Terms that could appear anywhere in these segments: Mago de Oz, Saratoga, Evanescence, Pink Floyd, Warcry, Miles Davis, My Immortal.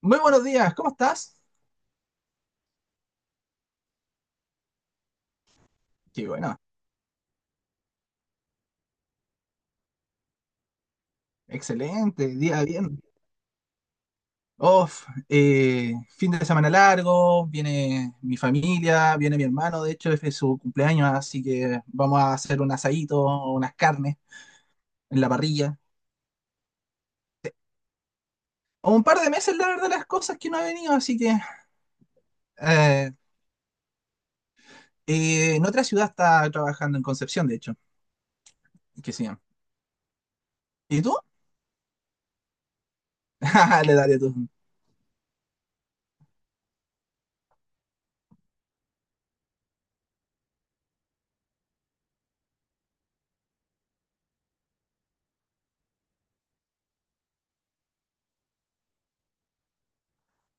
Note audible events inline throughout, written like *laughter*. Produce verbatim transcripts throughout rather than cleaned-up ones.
Muy buenos días, ¿cómo estás? Qué bueno, excelente, día bien. Off, eh, fin de semana largo, viene mi familia, viene mi hermano, de hecho es de su cumpleaños, así que vamos a hacer un asadito, unas carnes en la parrilla. Eh, un par de meses, la verdad, las cosas que no ha venido, así que eh, eh, en otra ciudad está trabajando en Concepción, de hecho, que sí. ¿Y tú? *laughs* Le daré tú.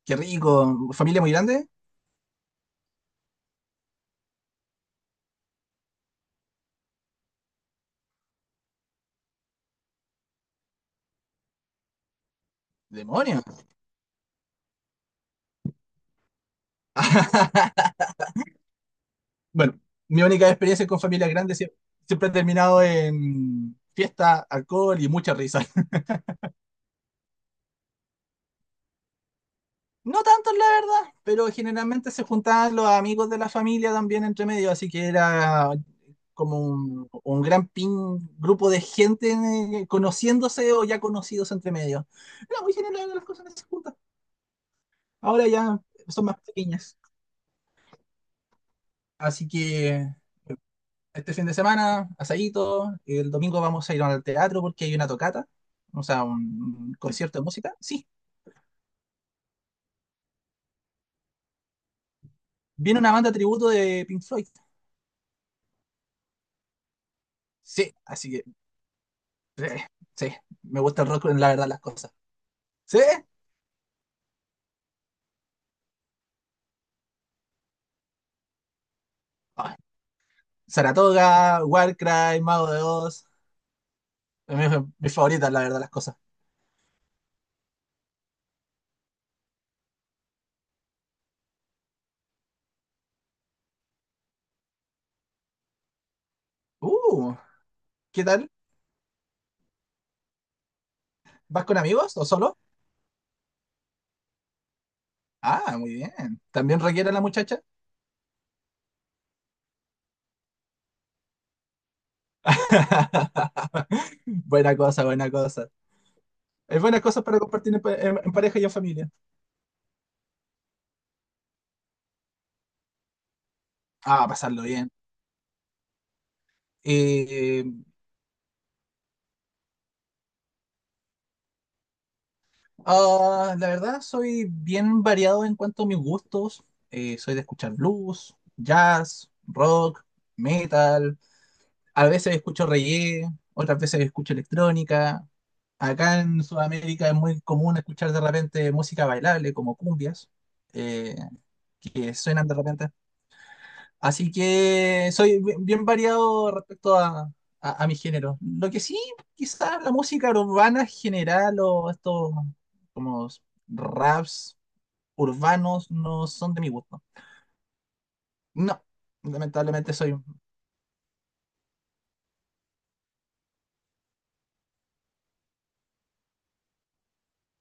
Qué rico, familia muy grande, demonios. *laughs* Bueno, mi única experiencia con familias grandes sie- siempre ha terminado en fiesta, alcohol y mucha risa. *laughs* No tantos, la verdad, pero generalmente se juntaban los amigos de la familia también entre medio, así que era como un, un gran pin, grupo de gente eh, conociéndose o ya conocidos entre medio. Era muy general las cosas que se juntan. Ahora ya son más pequeñas. Así que este fin de semana, asadito, el domingo vamos a ir al teatro porque hay una tocata, o sea, un concierto de música. Sí, viene una banda tributo de Pink Floyd. Sí, así que, eh, sí, me gusta el rock, la verdad, las cosas. Sí, ah, Saratoga, Warcry, Mago de Oz, mi, mi favorita, la verdad, las cosas. Uh, ¿qué tal? ¿Vas con amigos o solo? Ah, muy bien. ¿También requiere la muchacha? *laughs* Buena cosa, buena cosa. Es buena cosa para compartir en pa- en- en pareja y en familia. Ah, pasarlo bien. Eh, ah, la verdad, soy bien variado en cuanto a mis gustos. Eh, soy de escuchar blues, jazz, rock, metal. A veces escucho reggae, otras veces escucho electrónica. Acá en Sudamérica es muy común escuchar de repente música bailable como cumbias, eh, que suenan de repente. Así que soy bi- bien variado respecto a, a, a mi género. Lo que sí, quizás la música urbana en general o estos como raps urbanos no son de mi gusto. No, lamentablemente soy...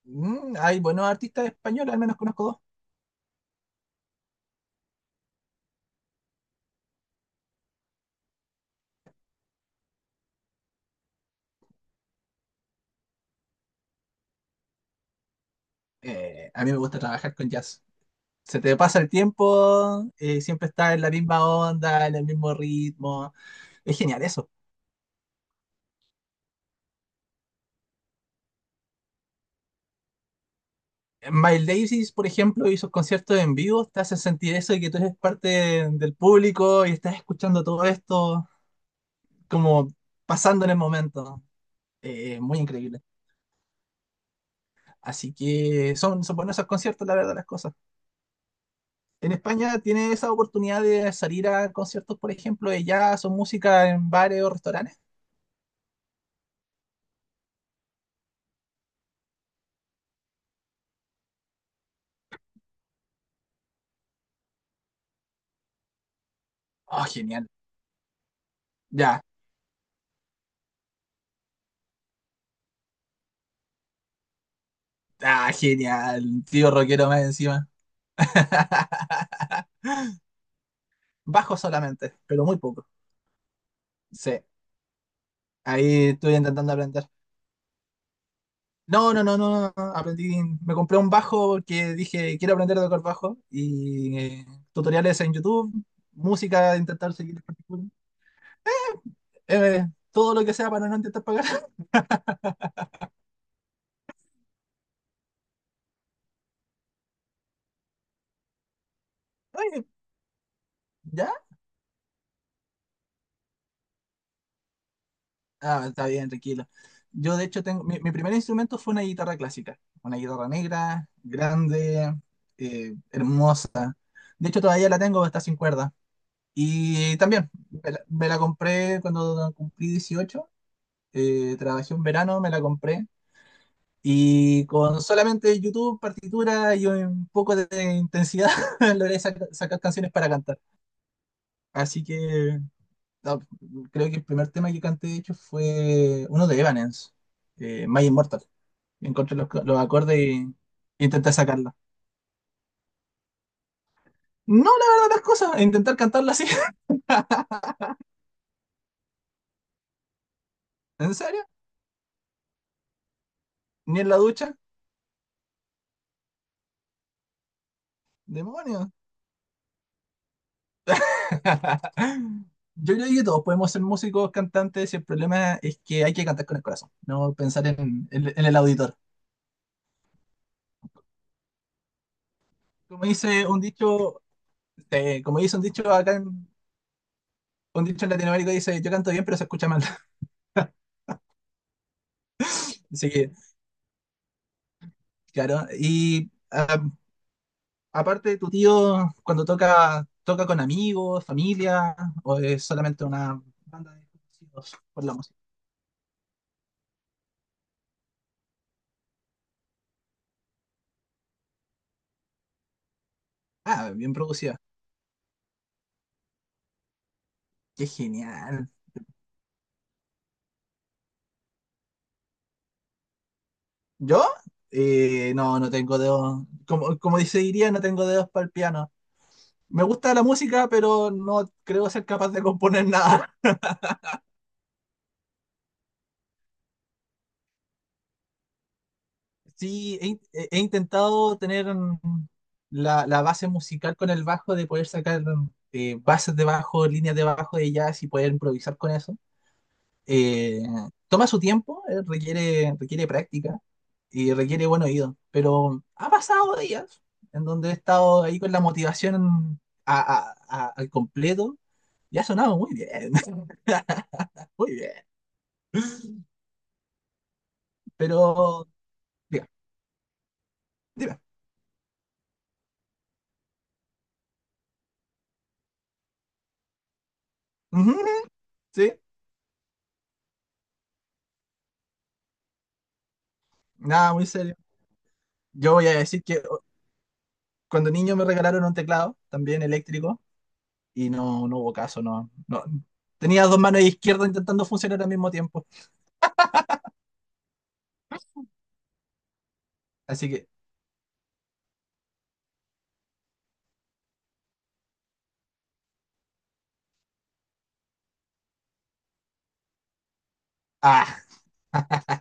Mm, hay buenos artistas españoles, al menos conozco dos. Eh, a mí me gusta trabajar con jazz. Se te pasa el tiempo, eh, siempre está en la misma onda, en el mismo ritmo. Es genial eso. Miles Davis, por ejemplo, y sus conciertos en vivo, te hace sentir eso de que tú eres parte de- del público y estás escuchando todo esto como pasando en el momento. Eh, muy increíble. Así que son, son buenos esos conciertos, la verdad, las cosas. En España tienes esa oportunidad de salir a conciertos, por ejemplo, de jazz o música en bares o restaurantes. Oh, genial. Ya. Ah, genial. Tío rockero más encima. *laughs* Bajo solamente, pero muy poco. Sí, ahí estoy intentando aprender. No, no, no, no, no, aprendí, me compré un bajo porque dije, quiero aprender a tocar bajo y eh, tutoriales en YouTube, música, intentar seguir partitura, eh, todo lo que sea para no intentar pagar. *laughs* Oye, ¿ya? Ah, está bien, tranquilo. Yo de hecho tengo, mi, mi primer instrumento fue una guitarra clásica, una guitarra negra, grande, eh, hermosa. De hecho todavía la tengo, está sin cuerda. Y también me la, me la compré cuando cumplí dieciocho. Eh, trabajé un verano, me la compré. Y con solamente YouTube, partitura y un poco de intensidad *laughs* logré saca- sacar canciones para cantar. Así que no, creo que el primer tema que canté, de hecho, fue uno de Evanescence, eh, My Immortal. Encontré los, los acordes y intenté sacarla. No, la verdad, las cosas, intentar cantarla así. *laughs* ¿En serio? ¿Ni en la ducha? ¡Demonios! *laughs* Yo creo que todos podemos ser músicos, cantantes, y el problema es que hay que cantar con el corazón, no pensar en, en- en el auditor. Como dice un dicho, eh, como dice un dicho acá en, un dicho en Latinoamérica, dice, yo canto bien, pero se escucha mal. *laughs* Así que, claro. Y ah, aparte, tu tío, cuando toca, toca con amigos, familia, o es solamente una banda de conocidos por la música. Ah, bien producida. Qué genial. ¿Yo? Eh, no, no tengo dedos. Como, como dice diría, no tengo dedos para el piano. Me gusta la música, pero no creo ser capaz de componer nada. Sí, he, in- he intentado tener mm, la, la base musical con el bajo, de poder sacar eh, bases de bajo, líneas de bajo de jazz y poder improvisar con eso. Eh, Toma su tiempo, eh, requiere, requiere práctica y requiere buen oído, pero ha pasado días en donde he estado ahí con la motivación a- a- a- al completo y ha sonado muy bien, *laughs* muy bien. Pero, diga, dime. Ujú, sí, nada, muy serio. Yo voy a decir que cuando niño me regalaron un teclado, también eléctrico, y no, no hubo caso, no, no. Tenía dos manos izquierdas intentando funcionar al mismo tiempo. Así que, ah, *laughs*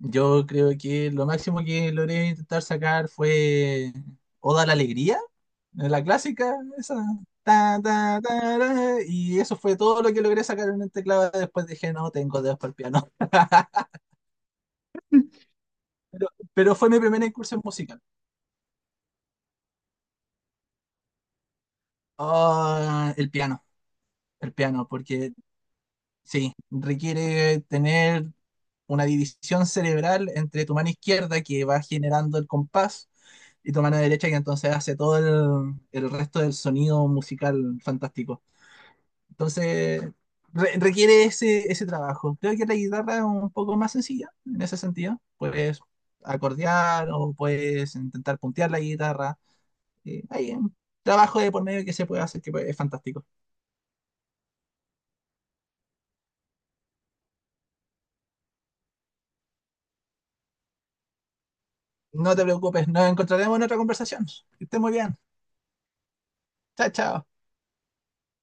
yo creo que lo máximo que logré intentar sacar fue Oda a la Alegría, la clásica, esa. Ta, ta, ta, ra, y eso fue todo lo que logré sacar en el teclado. Después dije, no, tengo dedos para el piano. *laughs* Pero, pero fue mi primera incursión musical. Ah, el piano, el piano, porque sí, requiere tener una división cerebral entre tu mano izquierda que va generando el compás y tu mano derecha que entonces hace todo el, el resto del sonido musical fantástico. Entonces, re- requiere ese, ese trabajo. Creo que la guitarra es un poco más sencilla en ese sentido. Puedes acordear o puedes intentar puntear la guitarra. Eh, hay un trabajo de por medio que se puede hacer que pues, es fantástico. No te preocupes, nos encontraremos en otra conversación. Que estés muy bien. Chao, chao.